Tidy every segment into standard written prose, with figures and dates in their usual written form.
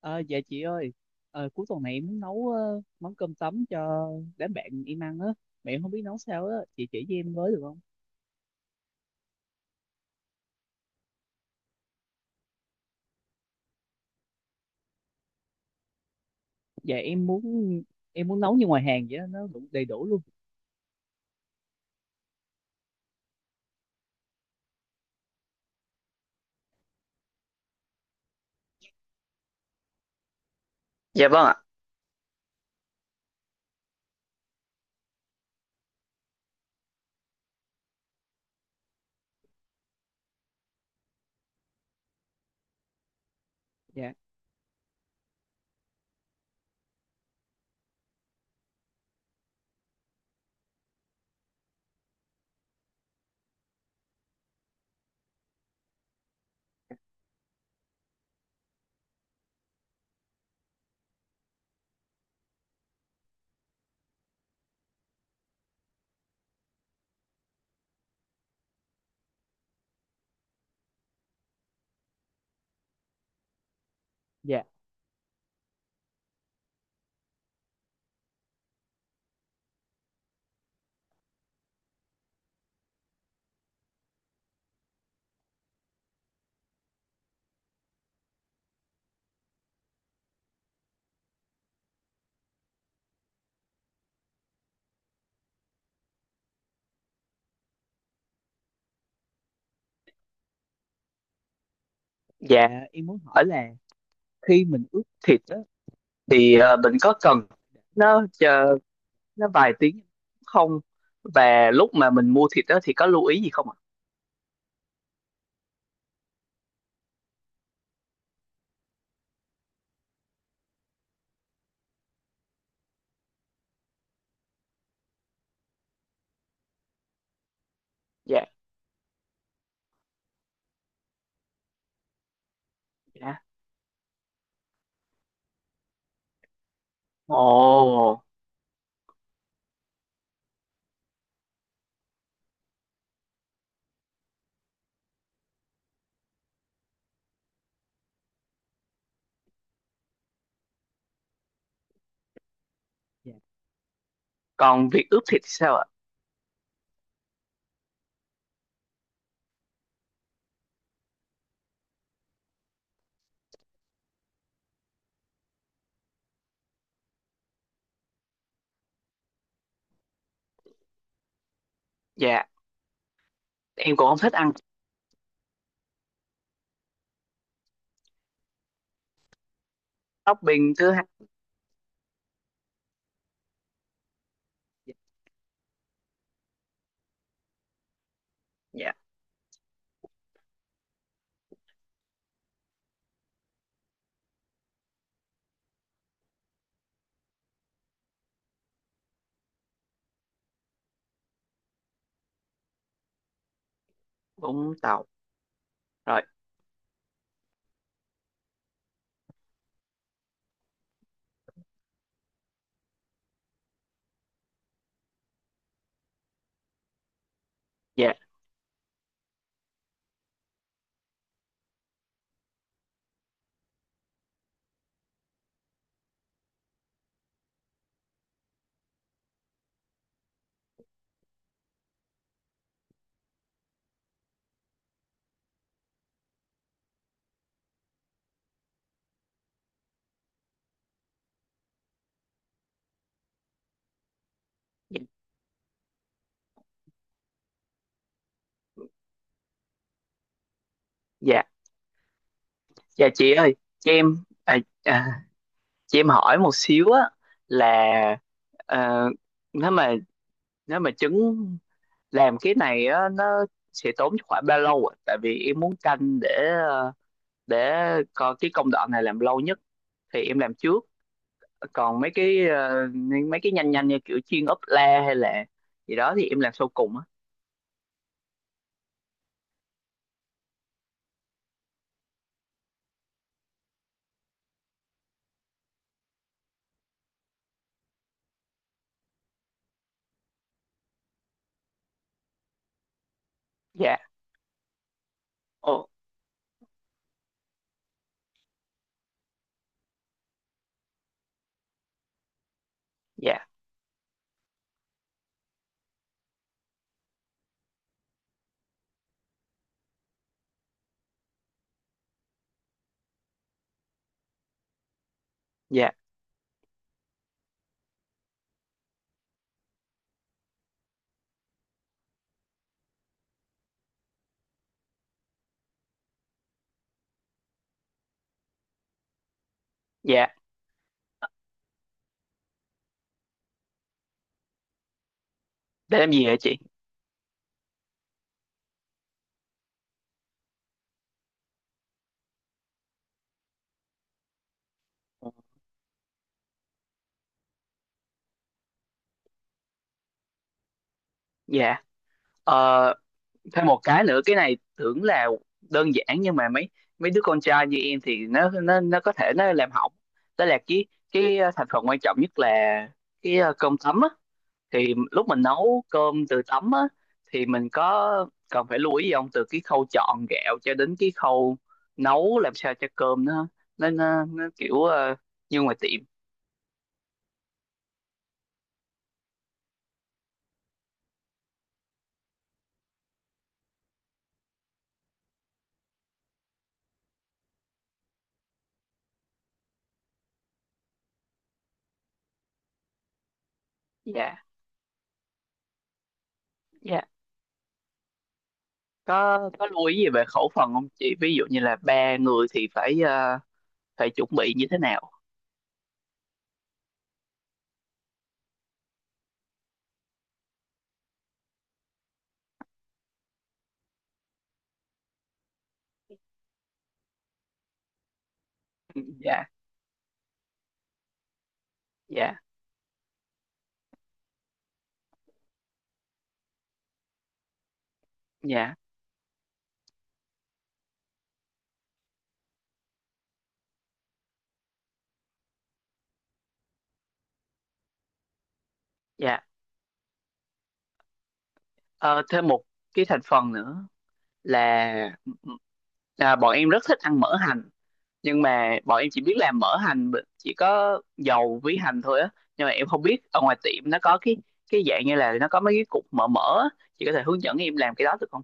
Ờ, dạ chị ơi, cuối tuần này em muốn nấu món cơm tấm cho đám bạn em ăn á, mà em không biết nấu sao á, chị chỉ cho em với được không? Dạ em muốn nấu như ngoài hàng vậy á, nó đủ đầy đủ luôn. Dạ vâng ạ. Dạ, dạ, dạ dạ em muốn hỏi là khi mình ướp thịt á, thì mình có cần nó chờ nó vài tiếng không? Và lúc mà mình mua thịt đó thì có lưu ý gì không ạ? Dạ. Dạ, không, ồ, dạ, còn việc ướp thịt thì sao ạ? Dạ, em cũng không thích ăn shopping thứ hai. Dạ. Dạ, Vũng Tàu. Rồi. Dạ. Dạ. Dạ. Dạ, chị ơi cho em à, à, cho em hỏi một xíu á là ờ, nếu mà nếu mà trứng làm cái này á nó sẽ tốn khoảng bao lâu ạ, tại vì em muốn canh để ờ, để coi cái công đoạn này làm lâu nhất thì em làm trước, còn mấy cái mấy cái nhanh nhanh như kiểu chiên ốp la hay là gì đó thì em làm sau cùng á. Dạ. Ồ. Dạ. Dạ. Dạ để làm gì hả chị. Dạ, ờ, thêm một cái nữa, cái này tưởng là đơn giản nhưng mà mấy mấy đứa con trai như em thì nó có thể nó làm hỏng, đó là cái thành phần quan trọng nhất là cái cơm tấm á, thì lúc mình nấu cơm từ tấm á thì mình có cần phải lưu ý gì không, từ cái khâu chọn gạo cho đến cái khâu nấu làm sao cho cơm nó kiểu như ngoài tiệm. Dạ. Dạ. Có lưu ý gì về khẩu phần không chị, ví dụ như là ba người thì phải phải chuẩn bị như thế nào? Ừ, dạ. Dạ. Dạ. Dạ. Ờ, thêm một cái thành phần nữa là à, bọn em rất thích ăn mỡ hành, nhưng mà bọn em chỉ biết làm chỉ có dầu với hành thôi á, nhưng mà em không biết ở ngoài tiệm nó có cái dạng như là nó có mấy cái cục mỡ mỡ á. Chị có thể hướng dẫn em làm cái đó được không?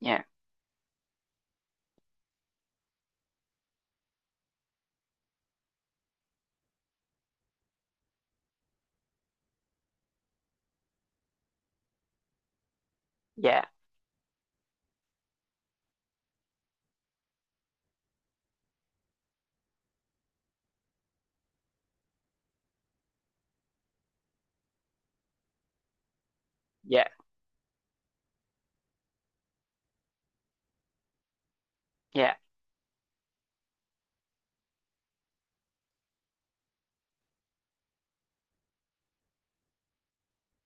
Dạ. Dạ. Dạ. Dạ.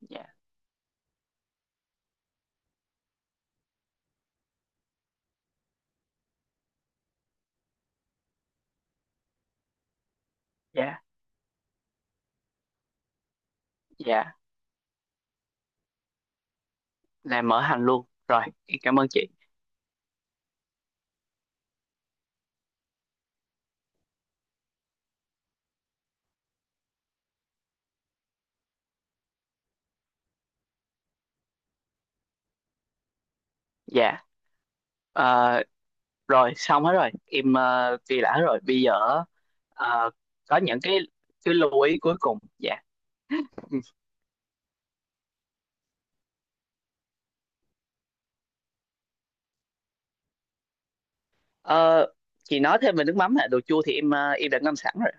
Dạ. Dạ. Dạ. Làm mỡ hành luôn, rồi em cảm ơn chị. Dạ, ờ, rồi xong hết rồi, em ghi lại hết rồi. Bây giờ ờ, có những cái lưu ý cuối cùng. Dạ. Ờ, chị nói thêm về nước mắm, là đồ chua thì em em đã ngâm sẵn rồi.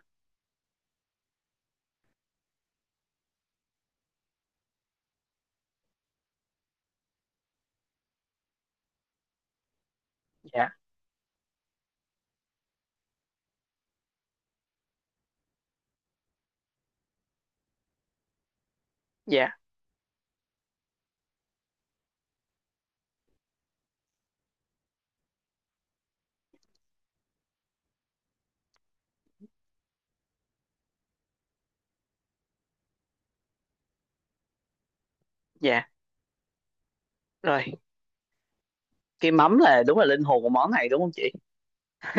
Dạ. Dạ. Dạ, rồi. Cái mắm là đúng là linh hồn của món này đúng không chị?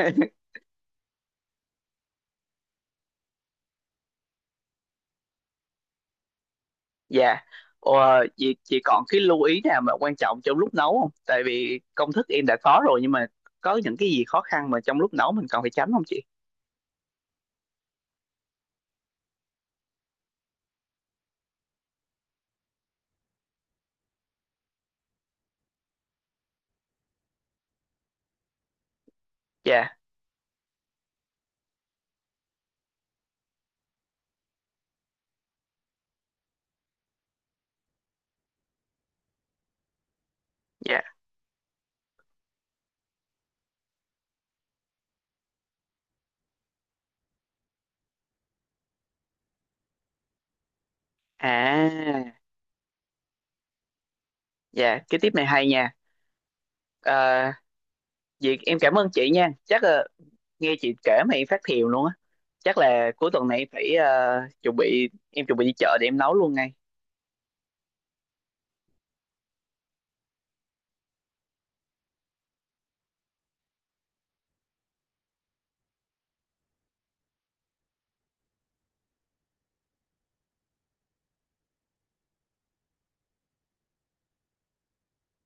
Dạ, ờ, chị còn cái lưu ý nào mà quan trọng trong lúc nấu không? Tại vì công thức em đã có rồi nhưng mà có những cái gì khó khăn mà trong lúc nấu mình cần phải tránh không chị? Dạ. Dạ. À, dạ, cái tiếp này hay nha. À, Việt em cảm ơn chị nha. Chắc là nghe chị kể mà em phát thiều luôn á. Chắc là cuối tuần này em phải chuẩn bị, em chuẩn bị đi chợ để em nấu luôn ngay.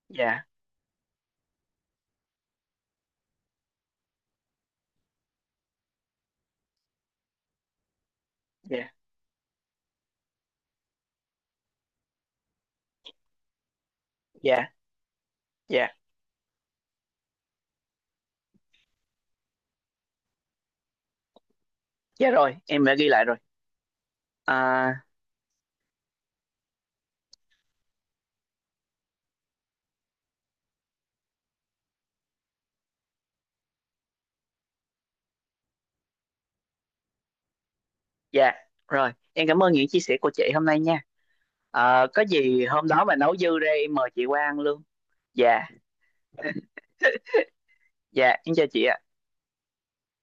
Dạ. Dạ. Dạ. Dạ. Dạ rồi, em đã ghi lại rồi. À, dạ, rồi. Em cảm ơn những chia sẻ của chị hôm nay nha. Ờ, có gì hôm đó mà nấu dư ra em mời chị qua ăn luôn. Dạ, dạ, em chào chị ạ.